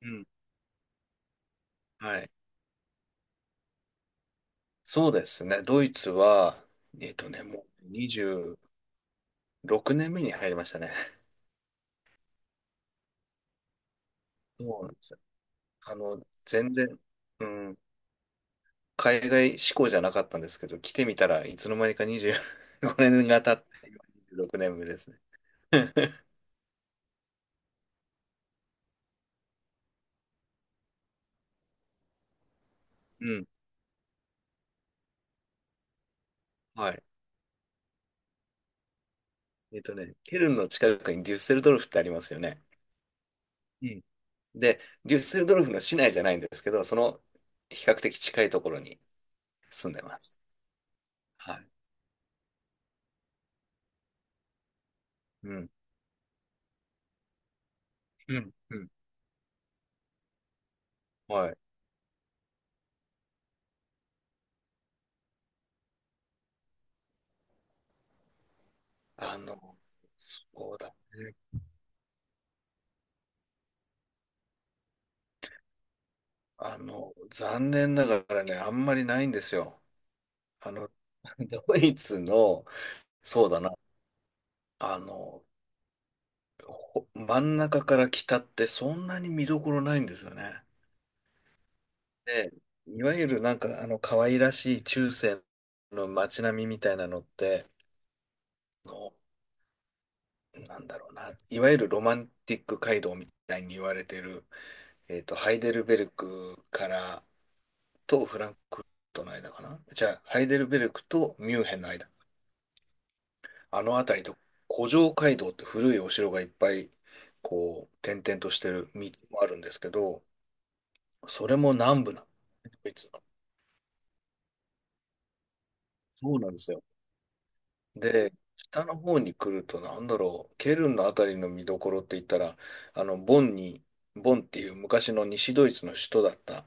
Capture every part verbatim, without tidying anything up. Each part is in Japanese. うん。はい。そうですね。ドイツは、えっとね、もうにじゅうろくねんめに入りましたね。そうなんですよ。あの、全然、うん、海外志向じゃなかったんですけど、来てみたらいつの間にかにじゅうごねんが経って、今にじゅうろくねんめですね。うん。はい。えっとね、ケルンの近くにデュッセルドルフってありますよね。うん。で、デュッセルドルフの市内じゃないんですけど、その比較的近いところに住んでます。はい。うん。うん。うん。はい。あの、そうだね。あの、残念ながらね、あんまりないんですよ。あの、ドイツの、そうだな、あの、ほ真ん中から北ってそんなに見どころないんですよね。で、いわゆるなんか、あの、可愛らしい中世の街並みみたいなのって、あの、なんだろうな、いわゆるロマンティック街道みたいに言われてるえっと、ハイデルベルクからとフランクフルトの間かな。じゃあ、ハイデルベルクとミュンヘンの間。あの辺りと、古城街道って古いお城がいっぱい、こう、点々としてる道もあるんですけど、それも南部なの。ドイツのそうなんですよ。で、北の方に来ると、なんだろう、ケルンのあたりの見どころって言ったら、あの、ボンに、ボンっていう昔の西ドイツの首都だった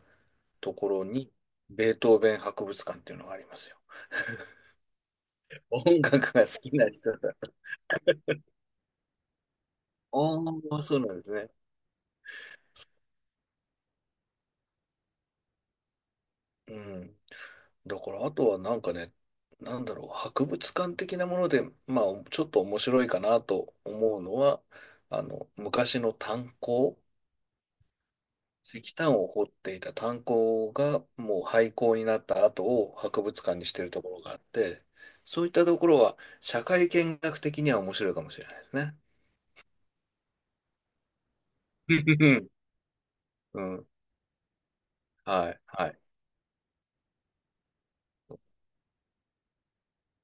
ところに、ベートーベン博物館っていうのがありますよ。音楽が好きな人だと。ああ、そうなんですね。うん。だから、あとはなんかね、なんだろう、博物館的なもので、まあ、ちょっと面白いかなと思うのは、あの、昔の炭鉱、石炭を掘っていた炭鉱がもう廃鉱になった後を博物館にしてるところがあって、そういったところは社会見学的には面白いかもしれないですね。うん。うんはい、はい。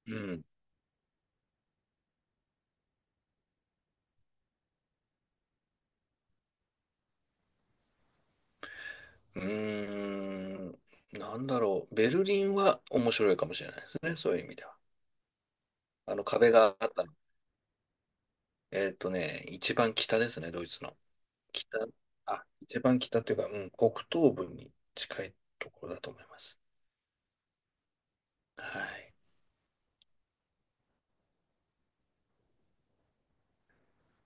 うん。うーん、なんだろう。ベルリンは面白いかもしれないですね。そういう意味では。あの壁があったの。えっとね、一番北ですね、ドイツの。北、あ、一番北っていうか、うん、北東部に近いところだと思います。はい。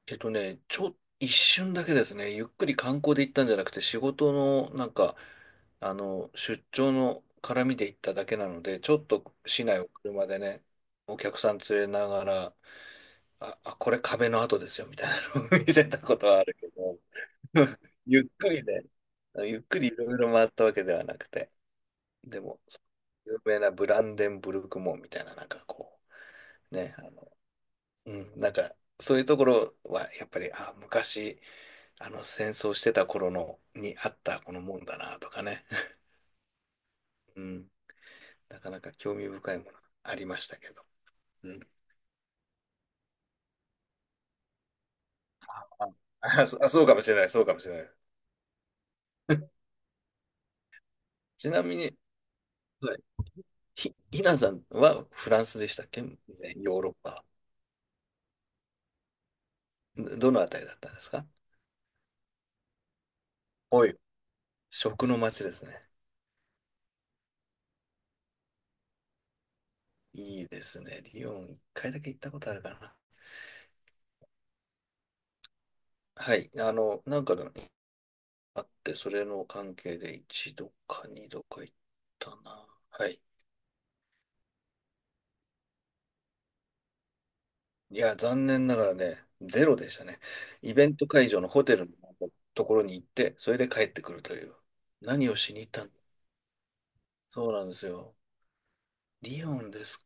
えっとね、ちょ、一瞬だけですね、ゆっくり観光で行ったんじゃなくて、仕事の、なんか、あの、出張の絡みで行っただけなので、ちょっと市内を車でね、お客さん連れながら、あ、あ、これ壁の跡ですよ、みたいなのを 見せたことはあるけど、ゆっくりで、ゆっくりいろいろ回ったわけではなくて、でも、有名なブランデンブルク門みたいな、なんかこう、ね、あの、うん、なんか、そういうところは、やっぱり、あ、昔、あの、戦争してた頃の、にあったこの門だな、とかね。うん、なかなか興味深いものありましたけど。うん、あ、あ、そあそうかもしれない、そうかもしれない。ちなみに、ひ、ひなさんはフランスでしたっけ以前ヨーロッパ。どどのあたりだったんですかおい。食の街ですね。いいですね。リヨン一回だけ行ったことあるかな。はい。あの、なんかのあって、それの関係で一度か二度か行ったな。はい。いや、残念ながらね、ゼロでしたね。イベント会場のホテルのところに行って、それで帰ってくるという。何をしに行ったんそうなんですよ。リヨンです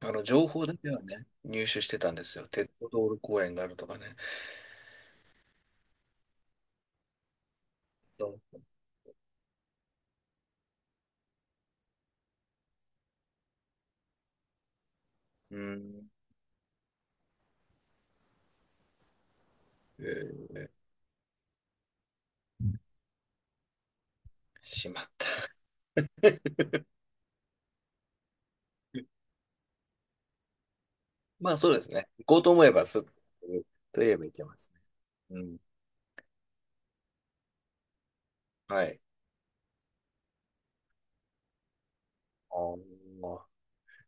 あの、情報だけはね、入手してたんですよ。鉄道道路公園があるとかね。そう。うん。えーしまった。まあそうですね。行こうと思えばすっと言えば行けますね。うん。はい。あー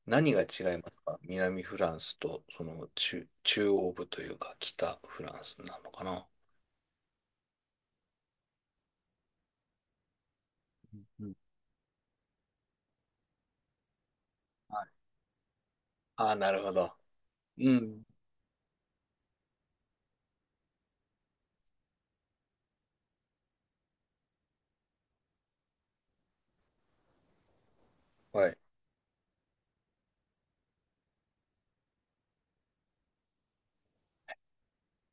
何が違いますか南フランスと、その中、中央部というか北フランスなのかなうんはい。ああ、なるほど。うん。はい。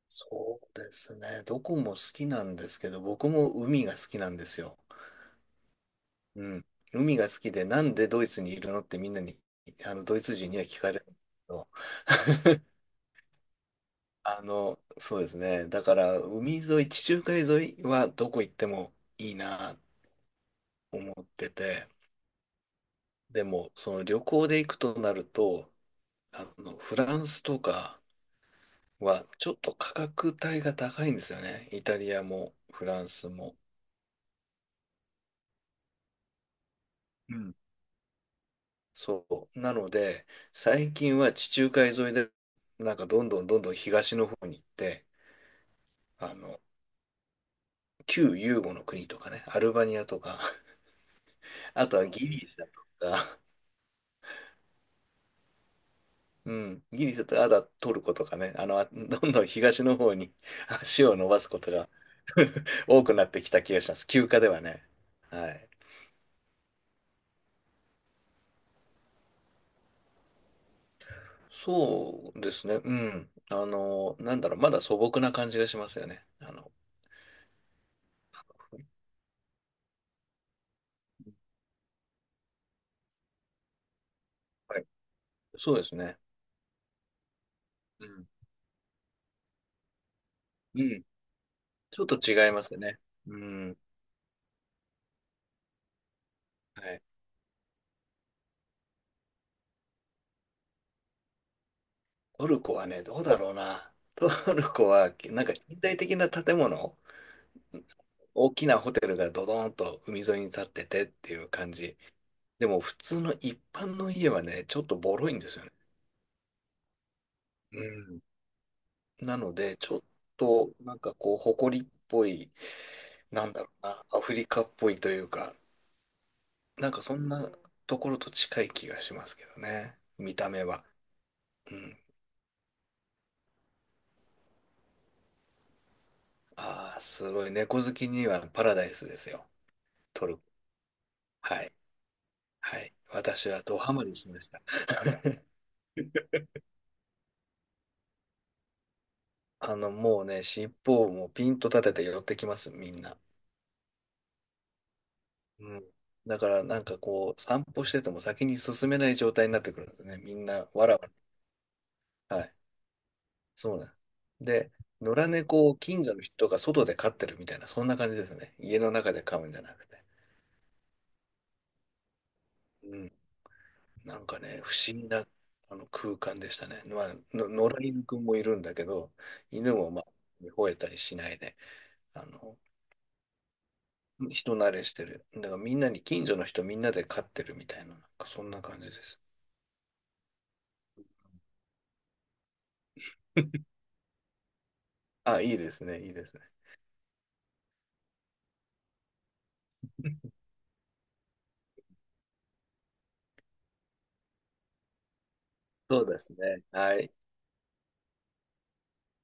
そうですね。どこも好きなんですけど、僕も海が好きなんですよ。うん。海が好きで、なんでドイツにいるのってみんなに、あの、ドイツ人には聞かれるんですけど あの、そうですね。だから、海沿い、地中海沿いはどこ行ってもいいなと思ってて、でも、その旅行で行くとなると、あの、フランスとかはちょっと価格帯が高いんですよね。イタリアもフランスも。うんそう。なので、最近は地中海沿いで、なんかどんどんどんどん東の方に行って、あの、旧ユーゴの国とかね、アルバニアとか、あとはギリシャとか、うん、ギリシャとか、あとはトルコとかね、あの、あ どんどん東の方に 足を伸ばすことが多くなってきた気がします。休暇ではね。はい。そうですね、うん。あの、なんだろう、まだ素朴な感じがしますよね。あの、はいそうですね。うん。うん。ちょっと違いますね。うん。はい。トルコはね、どうだろうな。トルコは、なんか近代的な建物大きなホテルがドドーンと海沿いに立っててっていう感じ。でも普通の一般の家はね、ちょっとボロいんですよね。うん。なので、ちょっとなんかこう、埃っぽい、なんだろうな、アフリカっぽいというか、なんかそんなところと近い気がしますけどね。見た目は。うん。ああ、すごい。猫好きにはパラダイスですよ。トルコ。はい。はい。私はドハマりしました。あの、もうね、尻尾をもうピンと立てて寄ってきます、みんな。うん。だからなんかこう、散歩してても先に進めない状態になってくるんですね。みんな、わらわら。はい。そうなんです。で、野良猫を近所の人が外で飼ってるみたいな、そんな感じですね。家の中で飼うんじゃなくて。うん。なんかね、不思議なあの空間でしたね。まあ、の野良犬くんもいるんだけど、犬もまあ、吠えたりしないで、あの、人慣れしてる。だからみんなに、近所の人みんなで飼ってるみたいな、なんかそんな感じです。あ、いいですね、いいですね。そうですね。はい。